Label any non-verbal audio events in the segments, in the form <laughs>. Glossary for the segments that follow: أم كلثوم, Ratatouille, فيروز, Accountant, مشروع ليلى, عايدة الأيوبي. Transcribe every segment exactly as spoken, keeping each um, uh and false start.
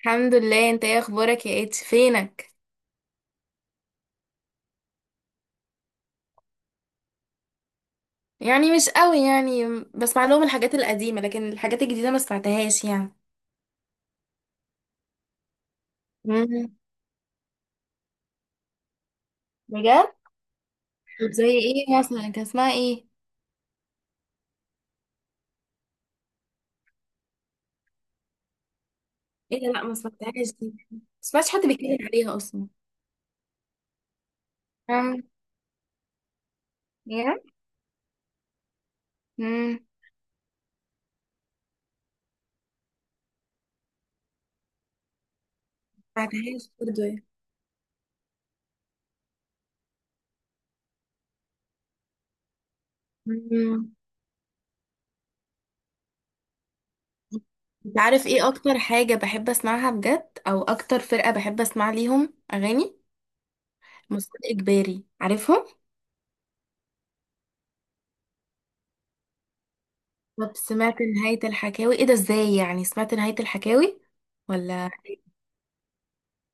الحمد لله، انت ايه اخبارك يا اتش فينك؟ يعني مش قوي يعني، بسمع لهم الحاجات القديمه لكن الحاجات الجديده ما سمعتهاش يعني. مم. بجد؟ طب زي ايه مثلا؟ كان اسمها ايه؟ ايه ده؟ لا، ما سمعتهاش دي. ما سمعتش حد بيتكلم عليها اصلا. مم. بجد؟ امم ما سمعتهاش برضه يعني. مم. انت عارف ايه اكتر حاجه بحب اسمعها بجد؟ او اكتر فرقه بحب اسمع ليهم اغاني؟ مسار اجباري، عارفهم؟ طب سمعت نهاية الحكاوي؟ ايه ده، ازاي يعني؟ سمعت نهاية الحكاوي؟ ولا؟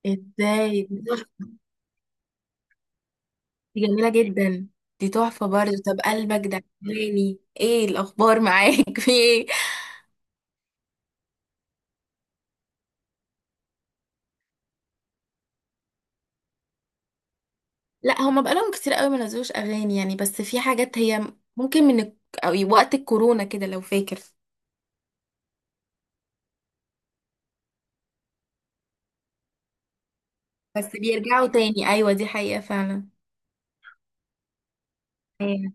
ازاي؟ دي تحفة، دي جميلة جدا، دي تحفة برضه. طب قلبك ده عجباني، ايه الاخبار معاك <laughs> في ايه؟ لا، هما بقالهم كتير قوي ما نزلوش اغاني يعني، بس في حاجات هي ممكن، من الك- أو وقت الكورونا كده لو فاكر. بس بيرجعوا تاني، ايوه دي حقيقة فعلا. أيوة.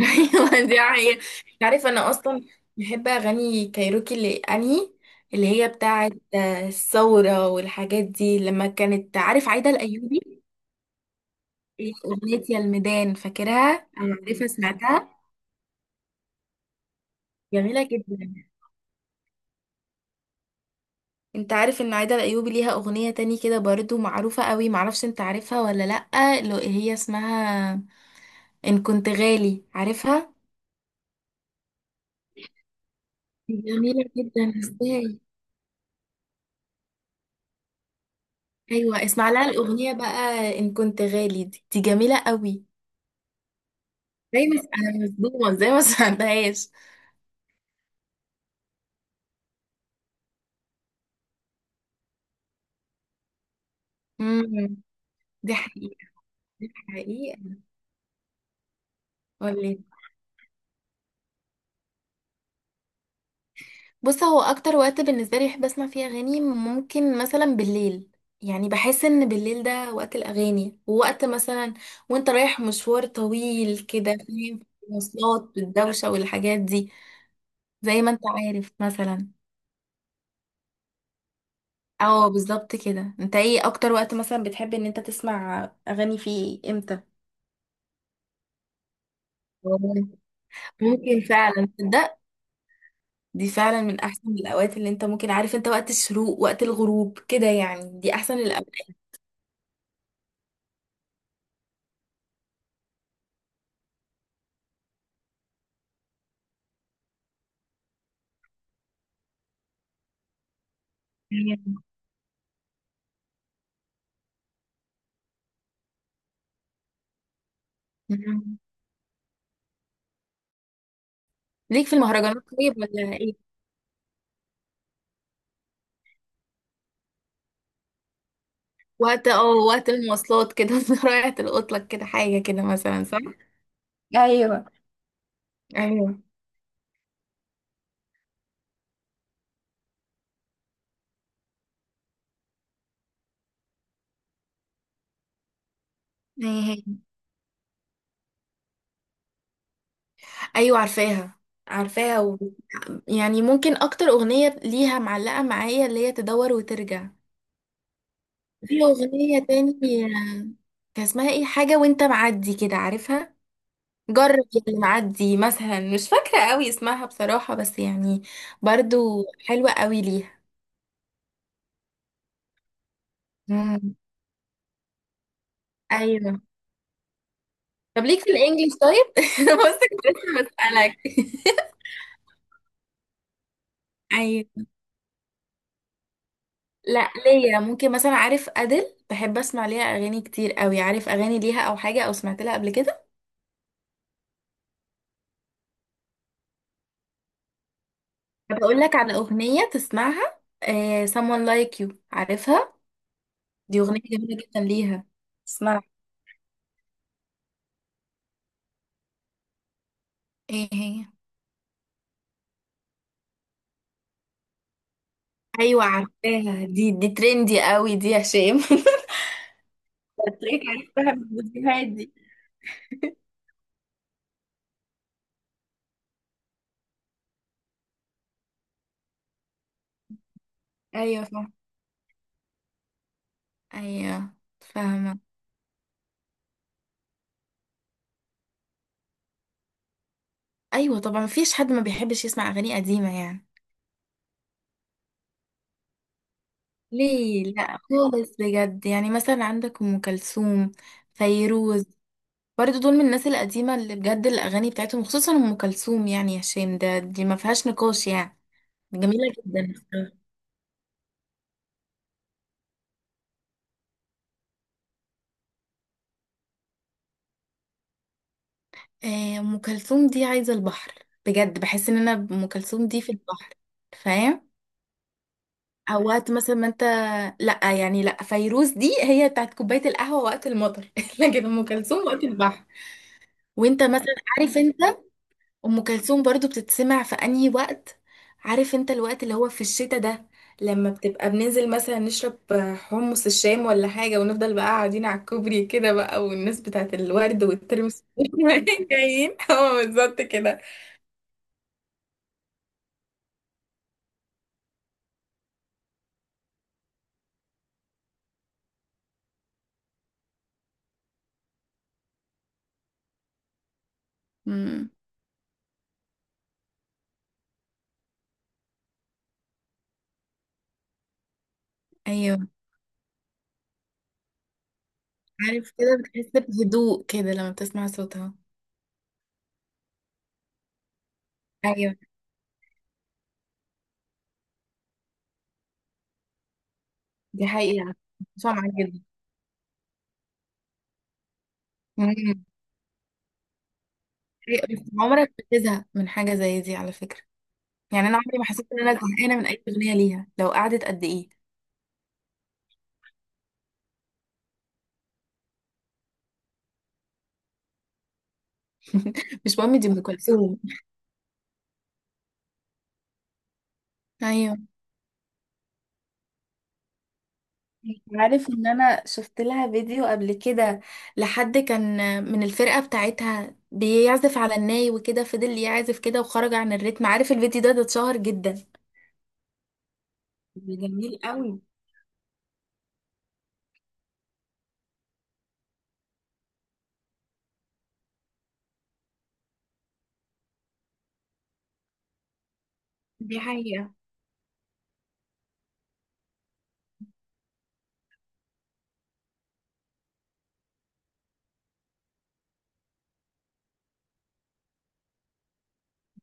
ايوه دي حقيقة. عارف، انا اصلا بحب اغاني كايروكي اللي انهي، اللي هي بتاعت آه، الثورة والحاجات دي، لما كانت، عارف، عايدة الأيوبي. إيه، أغنية يا الميدان، فاكرها أو عارفها؟ سمعتها؟ جميلة جدا. انت عارف ان عايدة الأيوبي ليها أغنية تاني كده برضو معروفة قوي، معرفش انت عارفها ولا لأ، اللي هي اسمها إن كنت غالي، عارفها؟ جميلة جدا، ازاي؟ ايوه، اسمع لها الأغنية بقى إن كنت غالي، دي, دي جميلة قوي. زي ما انا مش ضمن، زي ما <laughs> سمعتهاش. امم دي حقيقة، دي حقيقة. قولي. بص، هو اكتر وقت بالنسبة لي بحب اسمع فيه اغاني ممكن مثلا بالليل. يعني بحس ان بالليل ده وقت الاغاني، ووقت مثلا وانت رايح مشوار طويل كده، فاهم؟ مواصلات والدوشة والحاجات دي، زي ما انت عارف مثلا. اه، بالظبط كده. انت ايه اكتر وقت مثلا بتحب ان انت تسمع اغاني فيه، امتى؟ ممكن فعلا، تصدق؟ دي فعلا من احسن الاوقات اللي انت ممكن، عارف انت، وقت الشروق وقت الغروب كده، يعني دي احسن الاوقات. مم. ليك في المهرجانات طيب ولا ايه؟ وقت اه وقت المواصلات كده <laughs> رايحة القطلك كده، حاجة كده مثلا، صح؟ ايوه، ايوه. إيه هي؟ ايوه، عارفاها. عارفاها و... يعني ممكن اكتر اغنية ليها معلقة معايا، اللي هي تدور وترجع. في اغنية تاني. آه، كان اسمها ايه؟ حاجة وانت معدي كده، عارفها؟ جرب اللي معدي مثلا، مش فاكرة قوي اسمها بصراحة، بس يعني برضو حلوة قوي ليها. مم. ايوه. طب ليك في الانجليش طيب؟ <laughs> بص كنت لسه بسألك. <laughs> ايوه. لا ليا، ممكن مثلا، عارف، ادل بحب اسمع ليها اغاني كتير قوي، عارف اغاني ليها او حاجة، او سمعت لها قبل كده؟ طب اقول لك على اغنية تسمعها، آه someone like you، عارفها؟ دي اغنية جميلة جدا ليها. اسمعها. ايه هي؟ ايوه، عارفاها دي دي ترندي قوي دي، يا هشام <laughs> تلاقيك عرفتها من الفيديوهات دي. ايوه، فاهمة. ايوه، فاهمة. ايوه طبعا، مفيش حد ما بيحبش يسمع اغاني قديمة يعني. ليه لا خالص، بجد يعني، مثلا عندك ام كلثوم، فيروز، برضه دول من الناس القديمة اللي بجد الاغاني بتاعتهم، خصوصا ام كلثوم يعني، يا شيم ده، دي ما فيهاش نقاش يعني. جميلة جدا. آه، ام كلثوم دي عايزة البحر. بجد بحس ان انا ام كلثوم دي في البحر، فاهم؟ او وقت مثلا ما انت، لا يعني، لا فيروز دي هي بتاعت كوبايه القهوه وقت المطر <laughs> لكن ام كلثوم وقت البحر. وانت مثلا عارف انت، ام كلثوم برضو بتتسمع في انهي وقت؟ عارف انت الوقت اللي هو في الشتاء ده، لما بتبقى بننزل مثلا نشرب حمص الشام ولا حاجه، ونفضل بقى قاعدين على الكوبري كده بقى، والناس بتاعت الورد والترمس <laughs> جايين، اه بالظبط كده. امم ايوه، عارف، كده بتحس بهدوء كده لما بتسمع صوتها. ايوه دي حقيقة، متفقة معاك جدا. مم. حقيقة. بس عمرك بتزهق من حاجة زي دي على فكرة؟ يعني أنا عمري ما حسيت إن أنا زهقانة من أي أغنية ليها، لو قعدت قد إيه. <laughs> مش مهم، دي أم كلثوم. أيوه. عارف إن أنا شفت لها فيديو قبل كده، لحد كان من الفرقة بتاعتها بيعزف على الناي وكده، فضل يعزف كده وخرج عن الريتم، عارف الفيديو ده، ده اتشهر جدا. ده جميل قوي. دي حقيقة.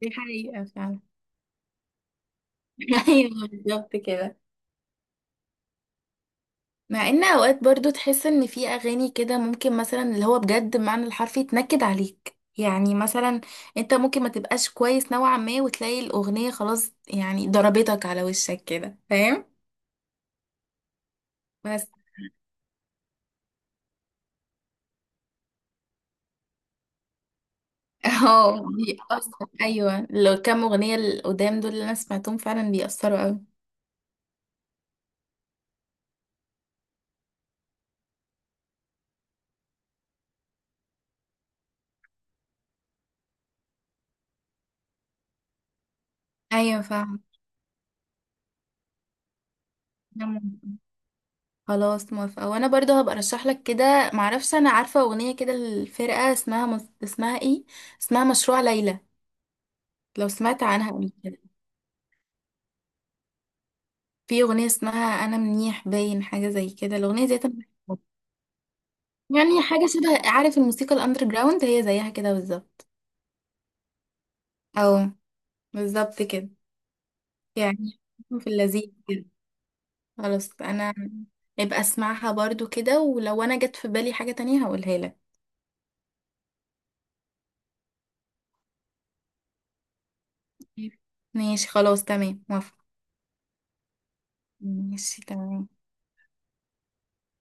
دي حقيقة فعلا. <laughs> ايوه بالظبط كده. مع ان اوقات برضو تحس ان في اغاني كده ممكن مثلا، اللي هو بجد بمعنى الحرفي تنكد عليك، يعني مثلا انت ممكن ما تبقاش كويس نوعا ما، وتلاقي الاغنية خلاص، يعني ضربتك على وشك كده، فاهم؟ بس. <laughs> اه بيأثر، ايوه. لو كام اغنية القدام دول اللي انا سمعتهم فعلا بيأثروا قوي. ايوه فاهمة. خلاص موافقة، وانا برضو هبقى ارشح لك كده. معرفش، انا عارفة اغنية كده، الفرقة اسمها مس... اسمها ايه؟ اسمها مشروع ليلى، لو سمعت عنها قبل كده؟ في أغنية اسمها أنا منيح، باين حاجة زي كده، الأغنية ديت أنا بحبها. يعني حاجة شبه، عارف الموسيقى الأندر جراوند؟ هي زيها كده بالظبط. أو بالظبط كده. يعني في اللذيذ كده. خلاص أنا يبقى أسمعها برضو كده، ولو أنا جت في بالي حاجة تانية هقولها لك. ماشي خلاص، تمام، موافقة. ماشي تمام.